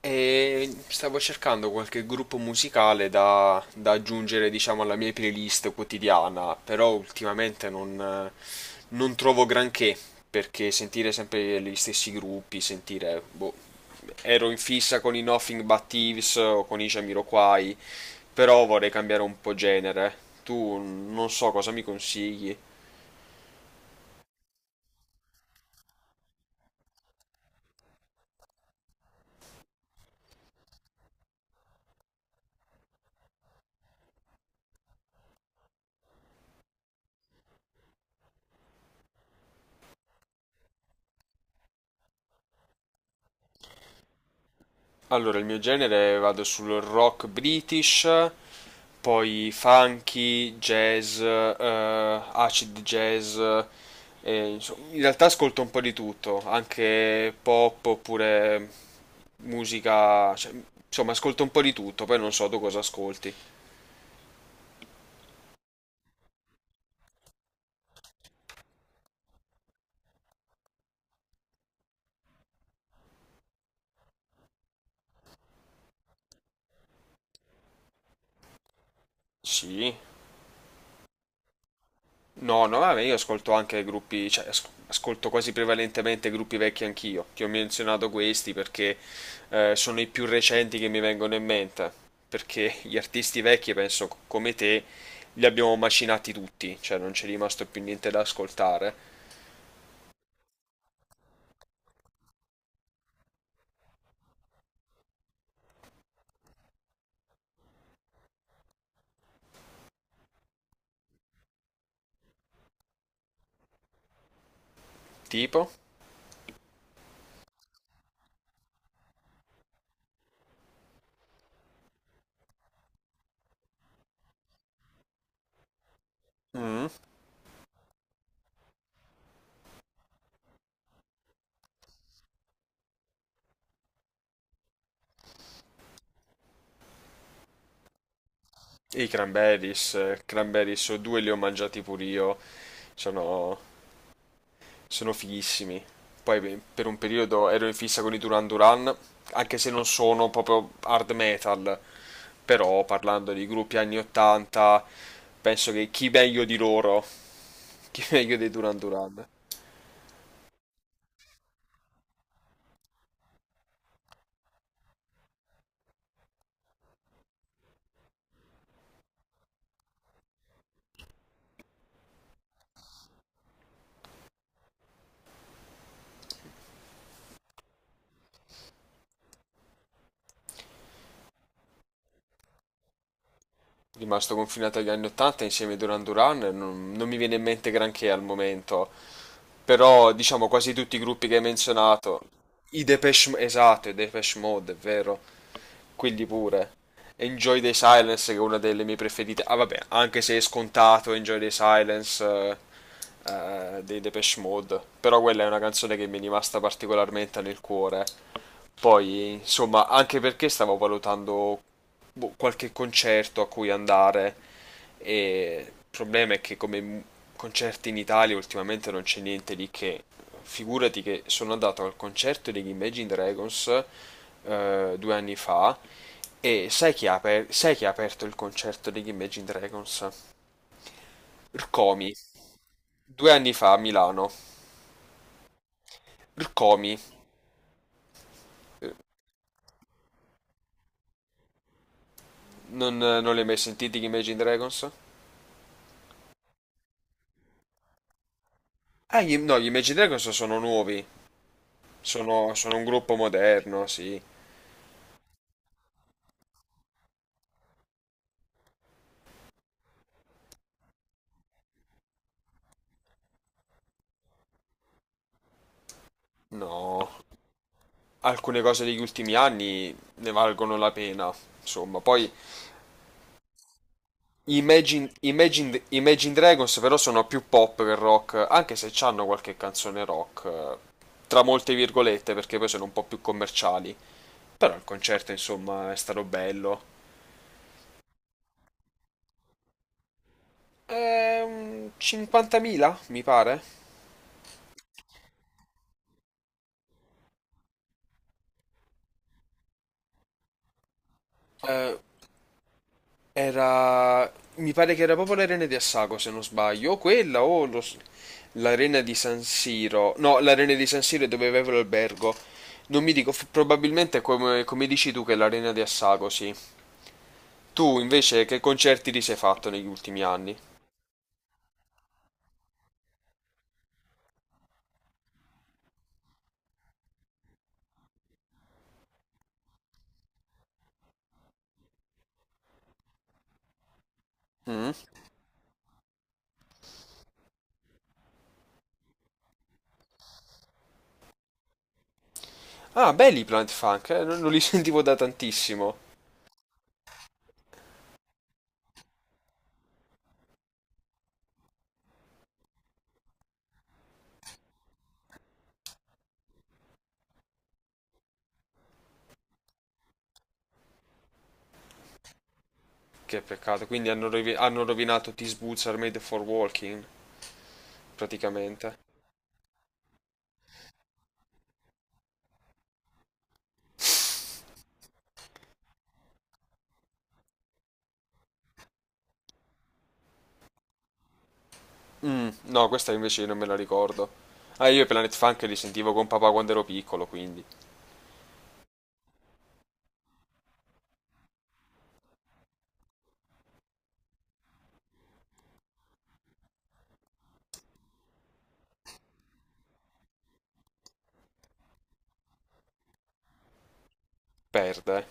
E stavo cercando qualche gruppo musicale da aggiungere, diciamo, alla mia playlist quotidiana, però ultimamente non trovo granché, perché sentire sempre gli stessi gruppi, sentire, boh, ero in fissa con i Nothing But Thieves o con i Jamiroquai, però vorrei cambiare un po' genere. Tu non so cosa mi consigli. Allora, il mio genere vado sul rock british, poi funky, jazz, acid jazz, insomma, in realtà ascolto un po' di tutto, anche pop oppure musica, cioè, insomma ascolto un po' di tutto, poi non so tu cosa ascolti. Sì. No, no, vabbè, io ascolto anche gruppi, cioè ascolto quasi prevalentemente gruppi vecchi anch'io. Ti ho menzionato questi perché sono i più recenti che mi vengono in mente. Perché gli artisti vecchi, penso come te, li abbiamo macinati tutti, cioè non c'è rimasto più niente da ascoltare. Tipo? Mm, I Cranberries, Cranberries o due li ho mangiati pure io. Sono sono fighissimi. Poi beh, per un periodo ero in fissa con i Duran Duran, anche se non sono proprio hard metal, però parlando di gruppi anni 80, penso che chi meglio di loro, chi meglio dei Duran Duran. Rimasto confinato agli anni 80 insieme a Duran Duran, non mi viene in mente granché al momento, però diciamo quasi tutti i gruppi che hai menzionato. I Depeche, esatto, i Depeche Mode, è vero, quelli pure. Enjoy the Silence, che è una delle mie preferite. Ah, vabbè, anche se è scontato Enjoy the Silence dei Depeche Mode. Però quella è una canzone che mi è rimasta particolarmente nel cuore. Poi, insomma, anche perché stavo valutando boh, qualche concerto a cui andare. E il problema è che concerti in Italia ultimamente non c'è niente di che. Figurati che sono andato al concerto degli Imagine Dragons due anni fa e sai chi ha aperto il concerto degli Imagine Dragons? Rcomi, due anni fa a Milano. Rcomi, non li hai mai sentiti gli Imagine Dragons? Ah, no, gli Imagine Dragons sono nuovi, sono un gruppo moderno, sì. No. Alcune cose degli ultimi anni ne valgono la pena. Insomma, poi Imagine Dragons però sono più pop che rock, anche se hanno qualche canzone rock, tra molte virgolette, perché poi sono un po' più commerciali. Però il concerto, insomma, è stato bello. 50.000, mi pare. Eh, Era, Mi pare che era proprio l'arena di Assago, se non sbaglio, o quella o l'arena di San Siro. No, l'arena di San Siro è dove avevo l'albergo. Non mi dico, probabilmente è come dici tu che è l'arena di Assago, sì. Tu invece che concerti ti sei fatto negli ultimi anni? Mm? Ah, belli i Plant Funk, non li sentivo da tantissimo. Che peccato, quindi hanno rovinato These Boots Are Made for Walking, praticamente. Mm, no, questa invece non me la ricordo. Ah, io i Planet Funk li sentivo con papà quando ero piccolo, quindi perde.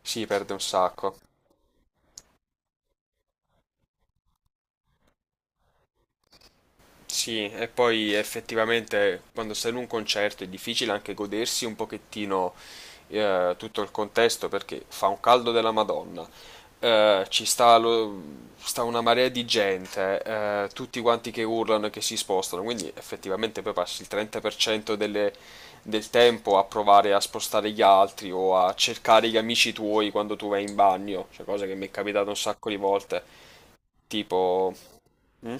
Sì, perde un sacco. Sì, e poi effettivamente quando sei in un concerto è difficile anche godersi un pochettino tutto il contesto perché fa un caldo della Madonna, ci sta, sta una marea di gente, tutti quanti che urlano e che si spostano, quindi effettivamente poi passi il 30% del tempo a provare a spostare gli altri o a cercare gli amici tuoi quando tu vai in bagno, cioè cosa che mi è capitata un sacco di volte, tipo. "Mm,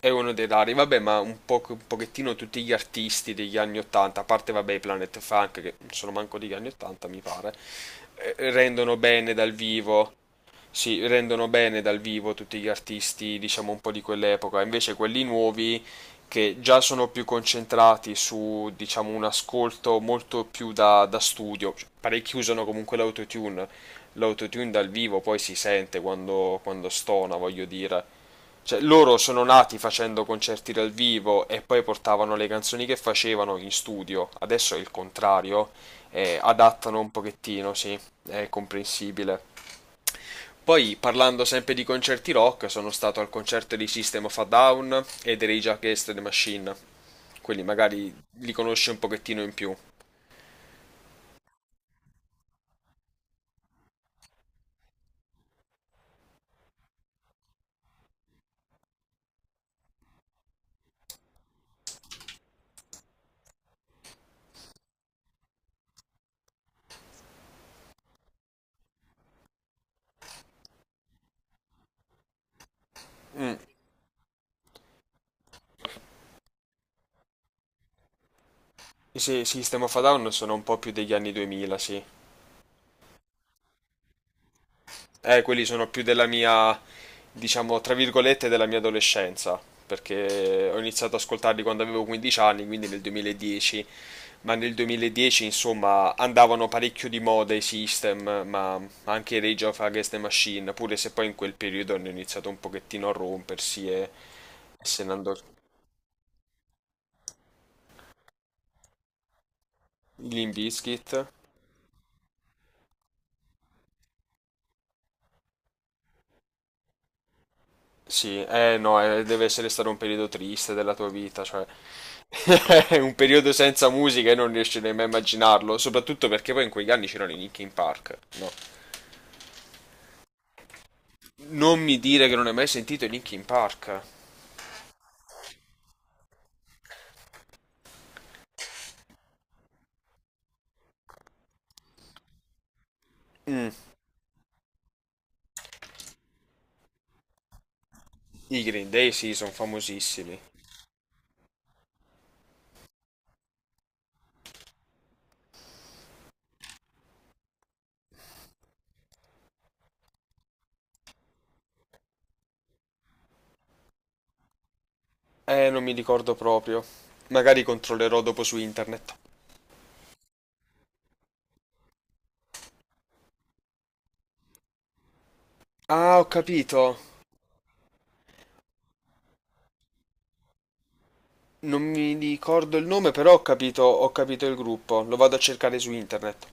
È uno dei rari, vabbè, ma un po' un pochettino tutti gli artisti degli anni 80, a parte vabbè i Planet Funk che non sono manco degli anni 80, mi pare, rendono bene dal vivo si rendono bene dal vivo tutti gli artisti, diciamo un po' di quell'epoca, invece quelli nuovi che già sono più concentrati su, diciamo, un ascolto molto più da studio. Cioè, parecchi usano comunque l'autotune, l'autotune dal vivo poi si sente quando stona, voglio dire. Cioè, loro sono nati facendo concerti dal vivo e poi portavano le canzoni che facevano in studio. Adesso è il contrario, adattano un pochettino, sì, è comprensibile. Poi parlando sempre di concerti rock, sono stato al concerto di System of a Down e dei Rage Against the Machine. Quelli magari li conosci un pochettino in più. Mm, sì, System of a Down sono un po' più degli anni 2000, sì. Quelli sono più della mia, diciamo, tra virgolette, della mia adolescenza, perché ho iniziato ad ascoltarli quando avevo 15 anni, quindi nel 2010, ma nel 2010, insomma, andavano parecchio di moda i System, ma anche Rage of Against the Machine, pure se poi in quel periodo hanno iniziato un pochettino a rompersi e se ne andò Limp Bizkit. Sì, eh no, deve essere stato un periodo triste della tua vita, cioè è un periodo senza musica e non riesci nemmeno a immaginarlo, soprattutto perché poi in quegli anni c'erano i Linkin Park. No. Non mi dire che non hai mai sentito i Linkin Park. Mm, I Green Day sì, sono famosissimi. Non mi ricordo proprio. Magari controllerò dopo su internet. Ah, ho capito. Non mi ricordo il nome, però ho capito il gruppo. Lo vado a cercare su internet.